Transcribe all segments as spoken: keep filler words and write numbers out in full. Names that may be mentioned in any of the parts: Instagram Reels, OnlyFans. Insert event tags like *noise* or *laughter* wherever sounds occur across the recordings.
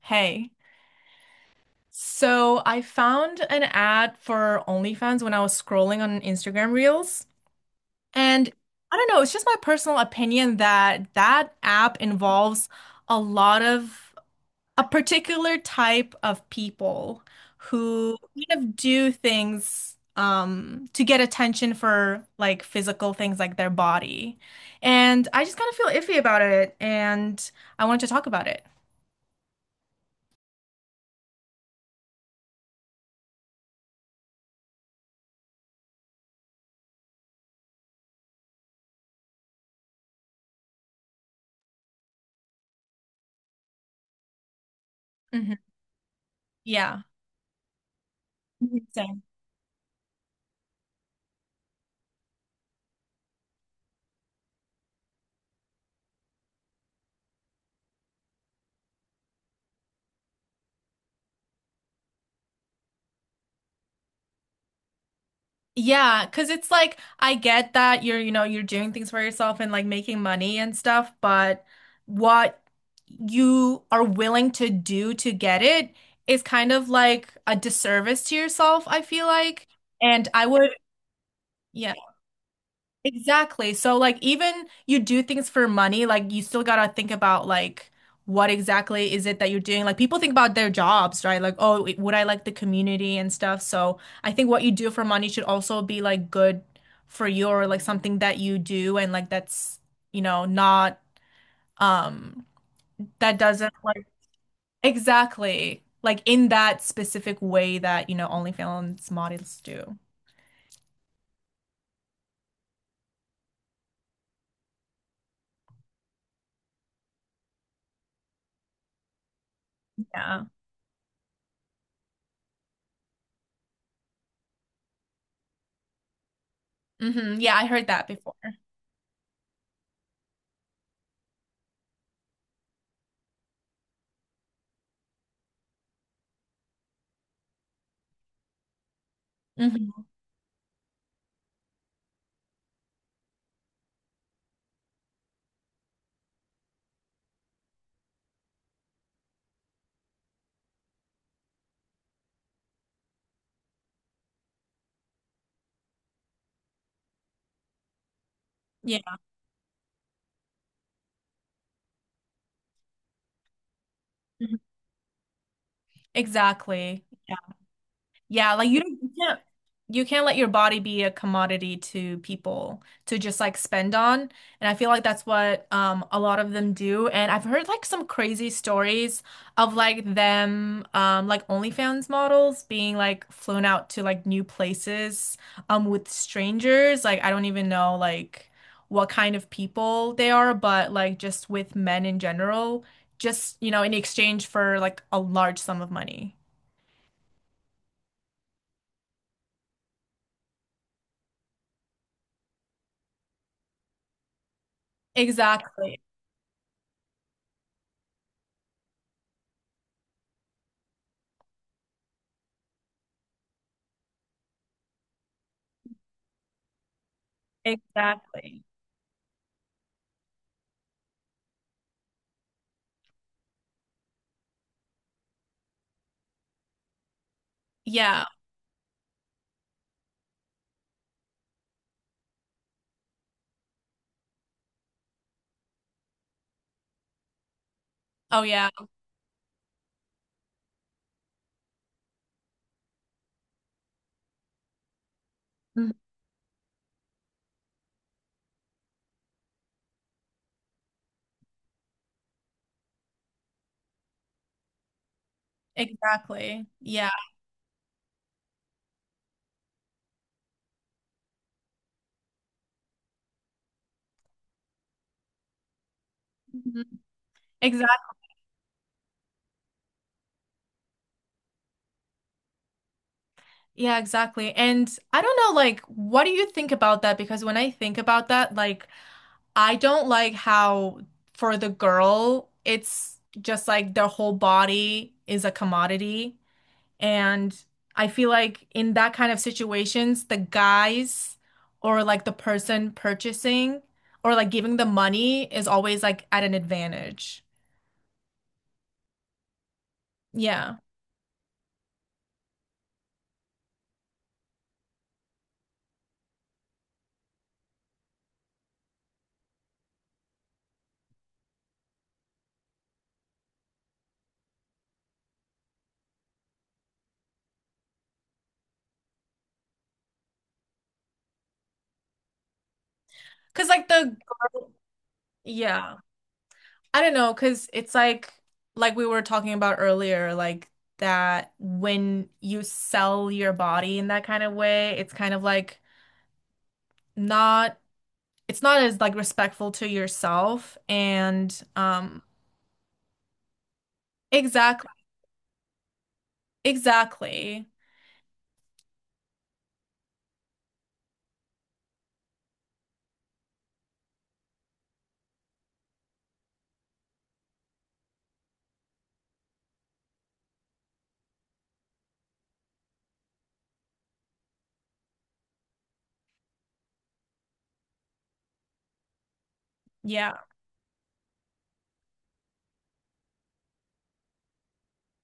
Hey, so I found an ad for OnlyFans when I was scrolling on Instagram Reels, and I don't know, it's just my personal opinion that that app involves a lot of a particular type of people who kind of do things um to get attention for like physical things like their body. And I just kind of feel iffy about it and I wanted to talk about it. Mhm. Yeah. Mhm. So- Yeah, because it's like I get that you're, you know, you're doing things for yourself and like making money and stuff, but what you are willing to do to get it is kind of like a disservice to yourself, I feel like. And I would, yeah. Exactly. So like even you do things for money, like you still gotta think about like what exactly is it that you're doing. Like people think about their jobs, right? Like, oh, w- would I like the community and stuff? So I think what you do for money should also be like good for you or like something that you do and like that's, you know, not um that doesn't like exactly like in that specific way that, you know, OnlyFans models do. Yeah. Hmm. Yeah, I heard that before. Hmm. Yeah. Mm-hmm. Exactly. Yeah, like you don't, you can't you can't let your body be a commodity to people to just like spend on. And I feel like that's what um a lot of them do. And I've heard like some crazy stories of like them um like OnlyFans models being like flown out to like new places um with strangers. Like I don't even know like what kind of people they are, but like just with men in general, just you know, in exchange for like a large sum of money. Exactly. Exactly. Yeah. Oh, yeah. Mhm. Exactly. Yeah. Mhm. Exact. Yeah, exactly. And I don't know, like, what do you think about that? Because when I think about that, like, I don't like how for the girl, it's just like their whole body is a commodity. And I feel like in that kind of situations, the guys or like the person purchasing or like giving the money is always like at an advantage. Yeah. Cause like the girl, yeah. I don't know, cause it's like like we were talking about earlier, like that when you sell your body in that kind of way, it's kind of like not it's not as like respectful to yourself and um exactly exactly. Yeah.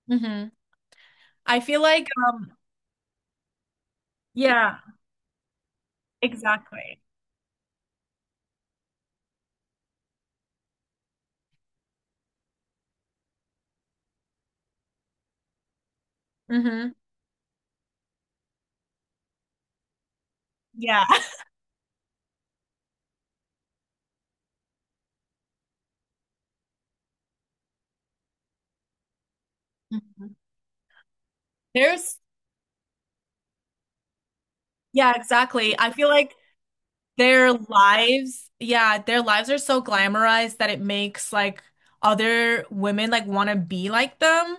Hmm. I feel like uh, yeah, exactly. Hmm. Yeah. *laughs* Mhm. There's yeah, exactly. I feel like their lives, yeah, their lives are so glamorized that it makes like other women like want to be like them.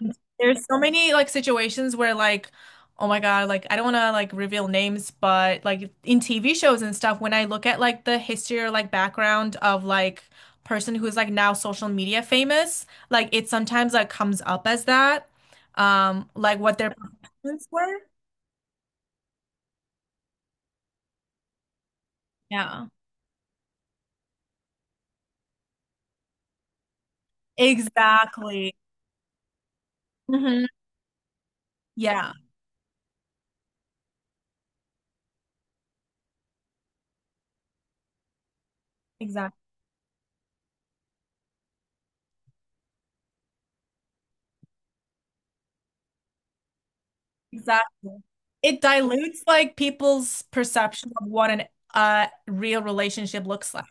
And there's so many like situations where like, oh my God, like I don't want to like reveal names, but like in T V shows and stuff, when I look at like the history or like background of like person who's like now social media famous, like it sometimes like comes up as that, um, like what their professions were. Yeah. Exactly. Hmm. Yeah. Exactly. Exactly. It dilutes like people's perception of what an uh real relationship looks like.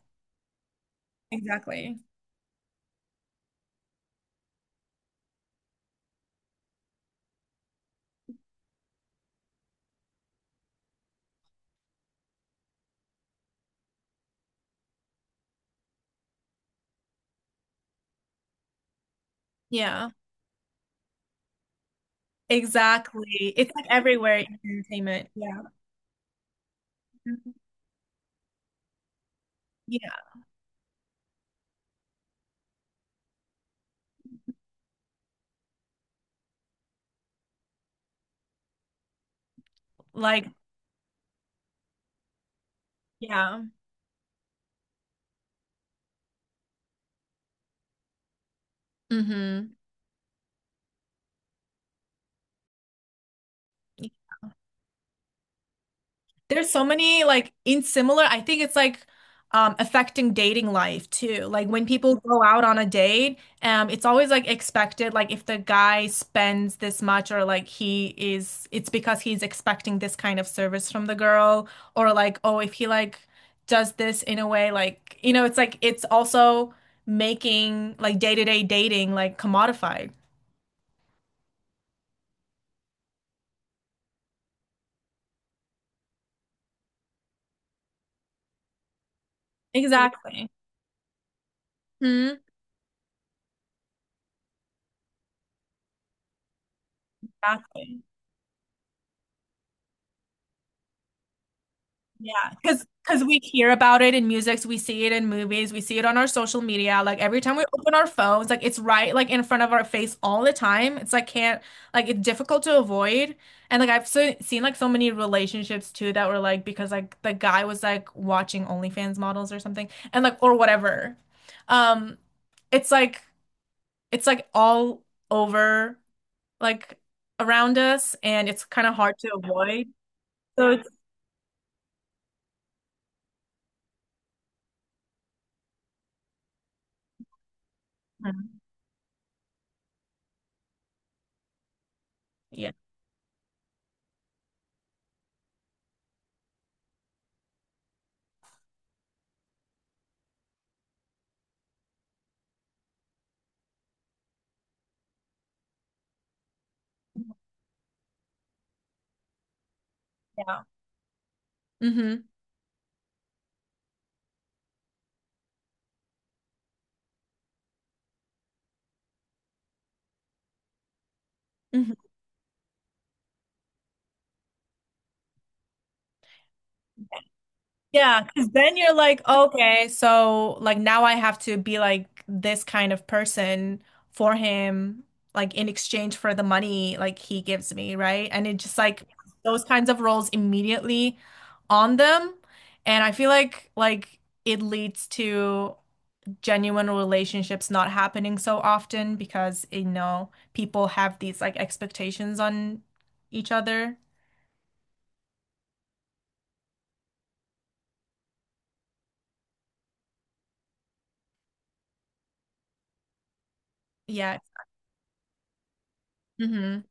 Exactly. Yeah. Exactly. It's like everywhere in entertainment. Yeah. Mhm. Yeah. Like, yeah. Mm-hmm. There's so many like in similar, I think it's like um affecting dating life too. Like when people go out on a date, um it's always like expected like if the guy spends this much or like he is it's because he's expecting this kind of service from the girl or like oh if he like does this in a way like you know it's like it's also making like day-to-day dating like commodified. Exactly. Hmm. Exactly. Yeah, because because we hear about it in music, we see it in movies, we see it on our social media. Like every time we open our phones, like it's right like in front of our face all the time. It's like can't like it's difficult to avoid. And like I've so, seen like so many relationships too that were like because like the guy was like watching OnlyFans models or something and like or whatever. Um, it's like it's like all over like around us and it's kind of hard to avoid. So it's Mhm. yeah. Yeah. Hmm. Mhm. Yeah, because then you're like, okay, so like now I have to be like this kind of person for him, like in exchange for the money like he gives me, right? And it just like those kinds of roles immediately on them. And I feel like like it leads to genuine relationships not happening so often because you know people have these like expectations on each other. Yeah. Mhm.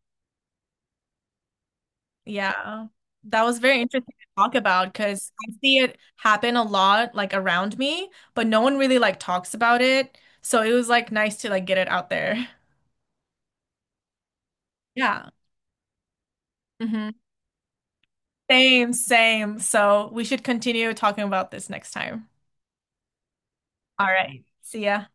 Yeah. That was very interesting to talk about because I see it happen a lot like around me, but no one really like talks about it. So it was like nice to like get it out there. *laughs* Yeah. Hmm. Same, same. So we should continue talking about this next time. All right. See ya.